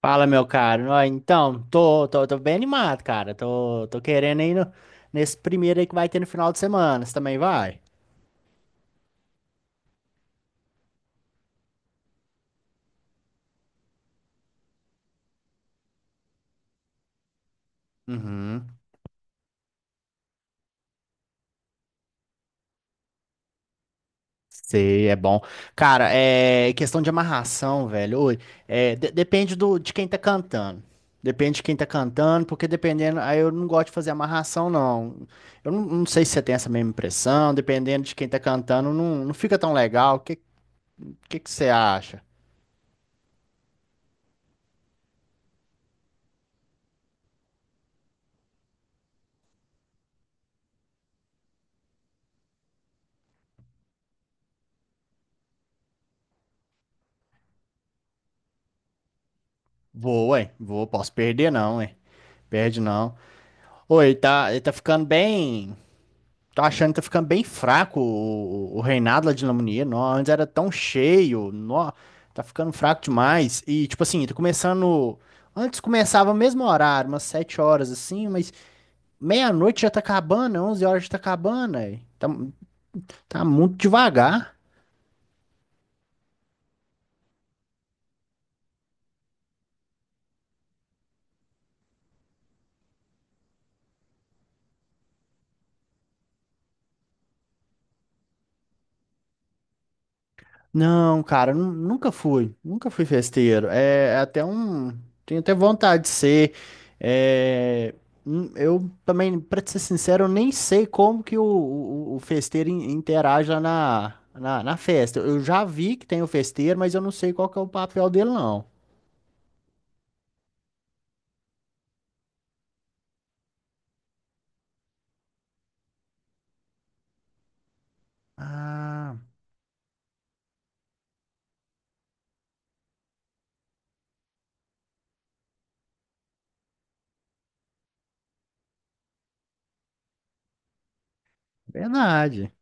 Fala, meu caro. Ó, então, tô bem animado, cara. Tô querendo ir nesse primeiro aí que vai ter no final de semana. Você também vai? Uhum. Sei, é bom. Cara, é questão de amarração, velho. Oi, é, depende de quem tá cantando. Depende de quem tá cantando, porque dependendo. Aí eu não gosto de fazer amarração, não. Eu não sei se você tem essa mesma impressão. Dependendo de quem tá cantando, não fica tão legal. O que você acha? Vou, ué. Vou, posso perder, não, ué. Perde não. Oi, ele tá ficando bem. Tô achando que tá ficando bem fraco o reinado lá de Lamonier. Nó, antes era tão cheio. Nó, tá ficando fraco demais. E, tipo assim, tá começando. Antes começava o mesmo horário, umas 7 horas assim, mas meia-noite já tá acabando, 11 horas já tá acabando aí. Tá, tá muito devagar. Não, cara, nunca fui festeiro. É até um, tenho até vontade de ser. É, eu também, pra te ser sincero, eu nem sei como que o festeiro interage lá na festa. Eu já vi que tem o festeiro, mas eu não sei qual que é o papel dele, não. Ah, verdade.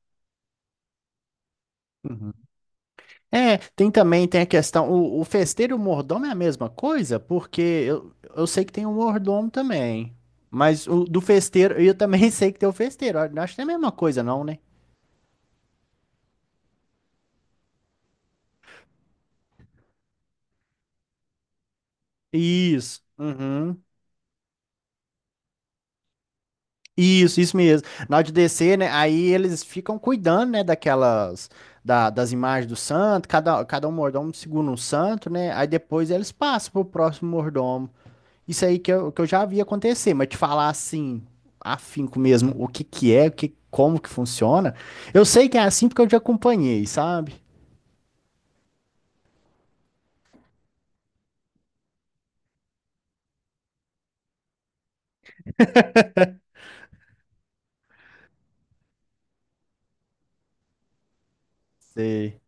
É, tem também, tem a questão, o festeiro e o mordomo é a mesma coisa, porque eu sei que tem um mordomo também, mas o do festeiro, eu também sei que tem o festeiro, eu acho que é a mesma coisa não, né? Isso, uhum, isso mesmo. Na hora de descer, né, aí eles ficam cuidando, né, daquelas, das imagens do santo, cada um mordomo segura um santo, né, aí depois eles passam pro próximo mordomo. Isso aí que eu já vi acontecer, mas te falar assim, afinco mesmo, o que que é, o que, como que funciona, eu sei que é assim porque eu já acompanhei, sabe? Sei.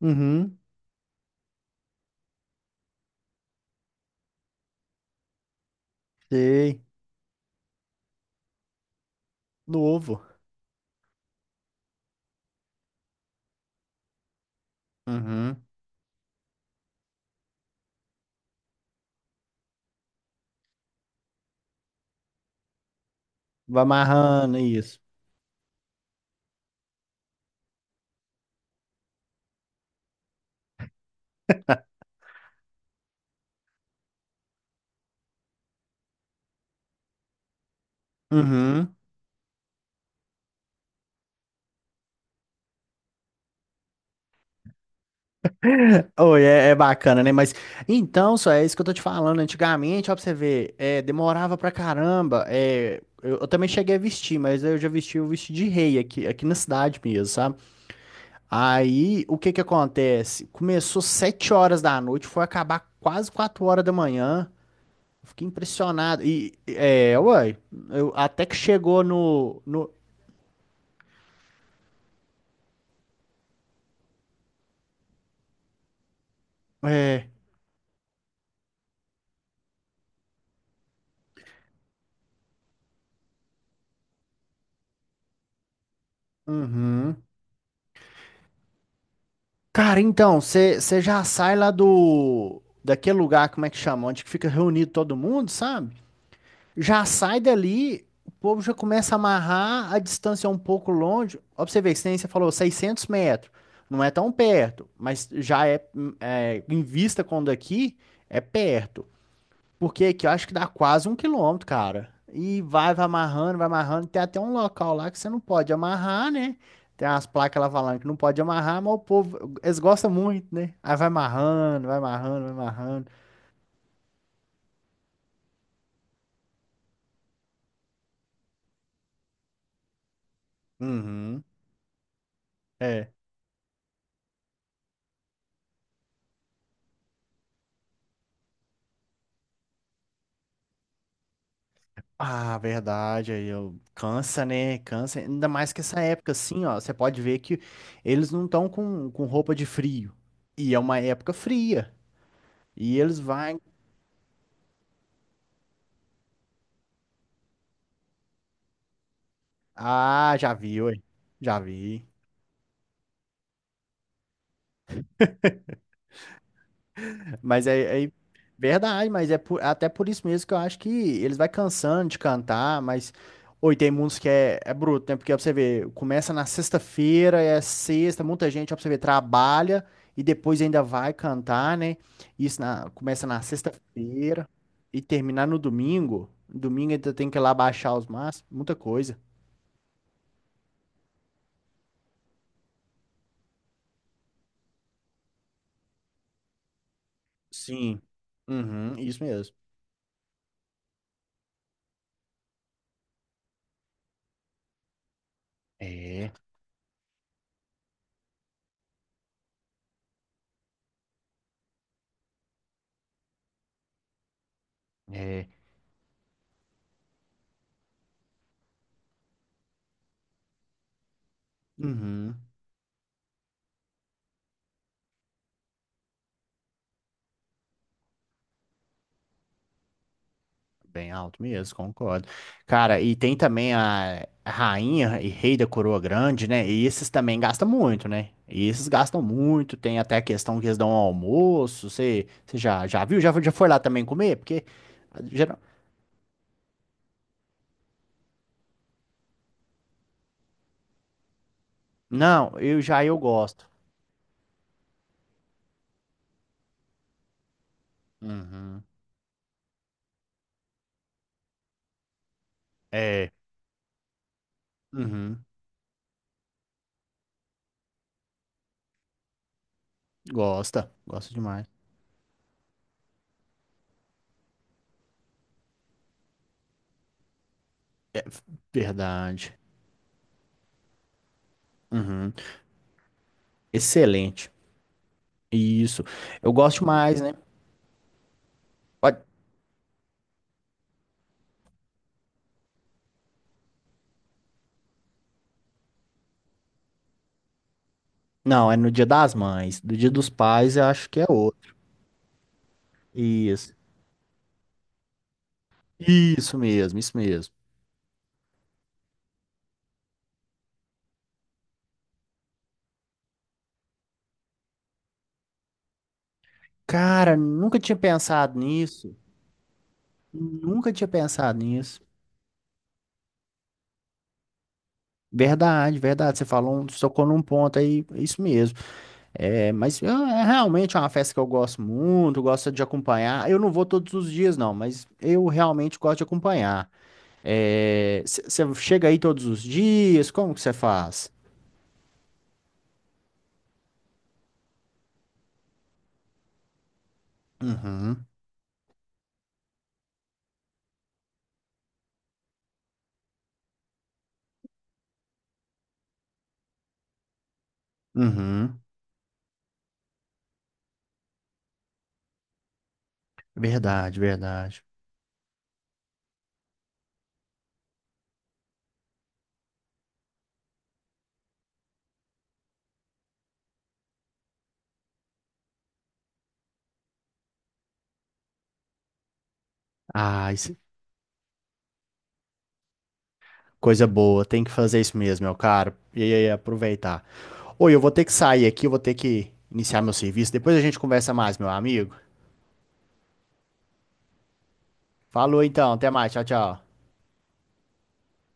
Uhum, sei. Novo. Uhum. Vai amarrando isso. Uhum. Oi, é bacana, né? Mas então, só é isso que eu tô te falando. Antigamente, ó, pra você ver, é, demorava pra caramba. É, eu também cheguei a vestir, mas eu já vesti o vestido de rei aqui, aqui na cidade mesmo, sabe? Aí, o que que acontece? Começou 7 horas da noite, foi acabar quase 4 horas da manhã. Eu fiquei impressionado. E, é, uai, eu, até que chegou no, é, uhum. Cara, então, você já sai lá daquele lugar, como é que chama? Onde que fica reunido todo mundo, sabe? Já sai dali, o povo já começa a amarrar, a distância é um pouco longe. Ó, pra você ver, que nem você falou, 600 metros. Não é tão perto, mas já é, em vista quando aqui, é perto. Porque aqui eu acho que dá quase um quilômetro, cara. E vai amarrando, vai amarrando. Tem até um local lá que você não pode amarrar, né? Tem umas placas lá falando que não pode amarrar, mas o povo, eles gostam muito, né? Aí vai amarrando, vai amarrando, vai amarrando. Uhum. É. Ah, verdade, aí eu cansa, né? Cansa, ainda mais que essa época assim, ó, você pode ver que eles não estão com roupa de frio. E é uma época fria. E eles vão. Ah, já vi, ué. Já vi. Mas é verdade, mas é até por isso mesmo que eu acho que eles vai cansando de cantar, mas oi, tem muitos que é bruto, né? Porque ó, pra você ver, começa na sexta-feira, é sexta, muita gente, ó, pra você ver, trabalha e depois ainda vai cantar, né? Isso começa na sexta-feira e terminar no domingo. Domingo ainda tem que ir lá baixar os maços, muita coisa. Sim. Uhum, isso mesmo. É, é. Uhum. Bem alto mesmo, concordo. Cara, e tem também a rainha e rei da coroa grande, né? E esses também gastam muito, né? E esses gastam muito, tem até a questão que eles dão ao almoço. Você já viu? Já foi lá também comer? Porque. geral- Não, eu gosto. Uhum. É. Uhum. Gosta, gosta demais. É verdade. Uhum. Excelente. Isso. Eu gosto mais, né? Pode- Não, é no dia das mães. Do dia dos pais, eu acho que é outro. Isso. Isso mesmo, isso mesmo. Cara, nunca tinha pensado nisso. Nunca tinha pensado nisso. Verdade, verdade. Você falou, tocou num ponto aí, isso mesmo. É, mas é realmente uma festa que eu gosto muito, gosto de acompanhar. Eu não vou todos os dias, não, mas eu realmente gosto de acompanhar. Você chega aí todos os dias, como que você faz? Uhum, uhum. Verdade, verdade. Ah, isso. Coisa boa, tem que fazer isso mesmo, meu caro. E aí, aproveitar. Oi, eu vou ter que sair aqui, eu vou ter que iniciar meu serviço. Depois a gente conversa mais, meu amigo. Falou então, até mais, tchau, tchau.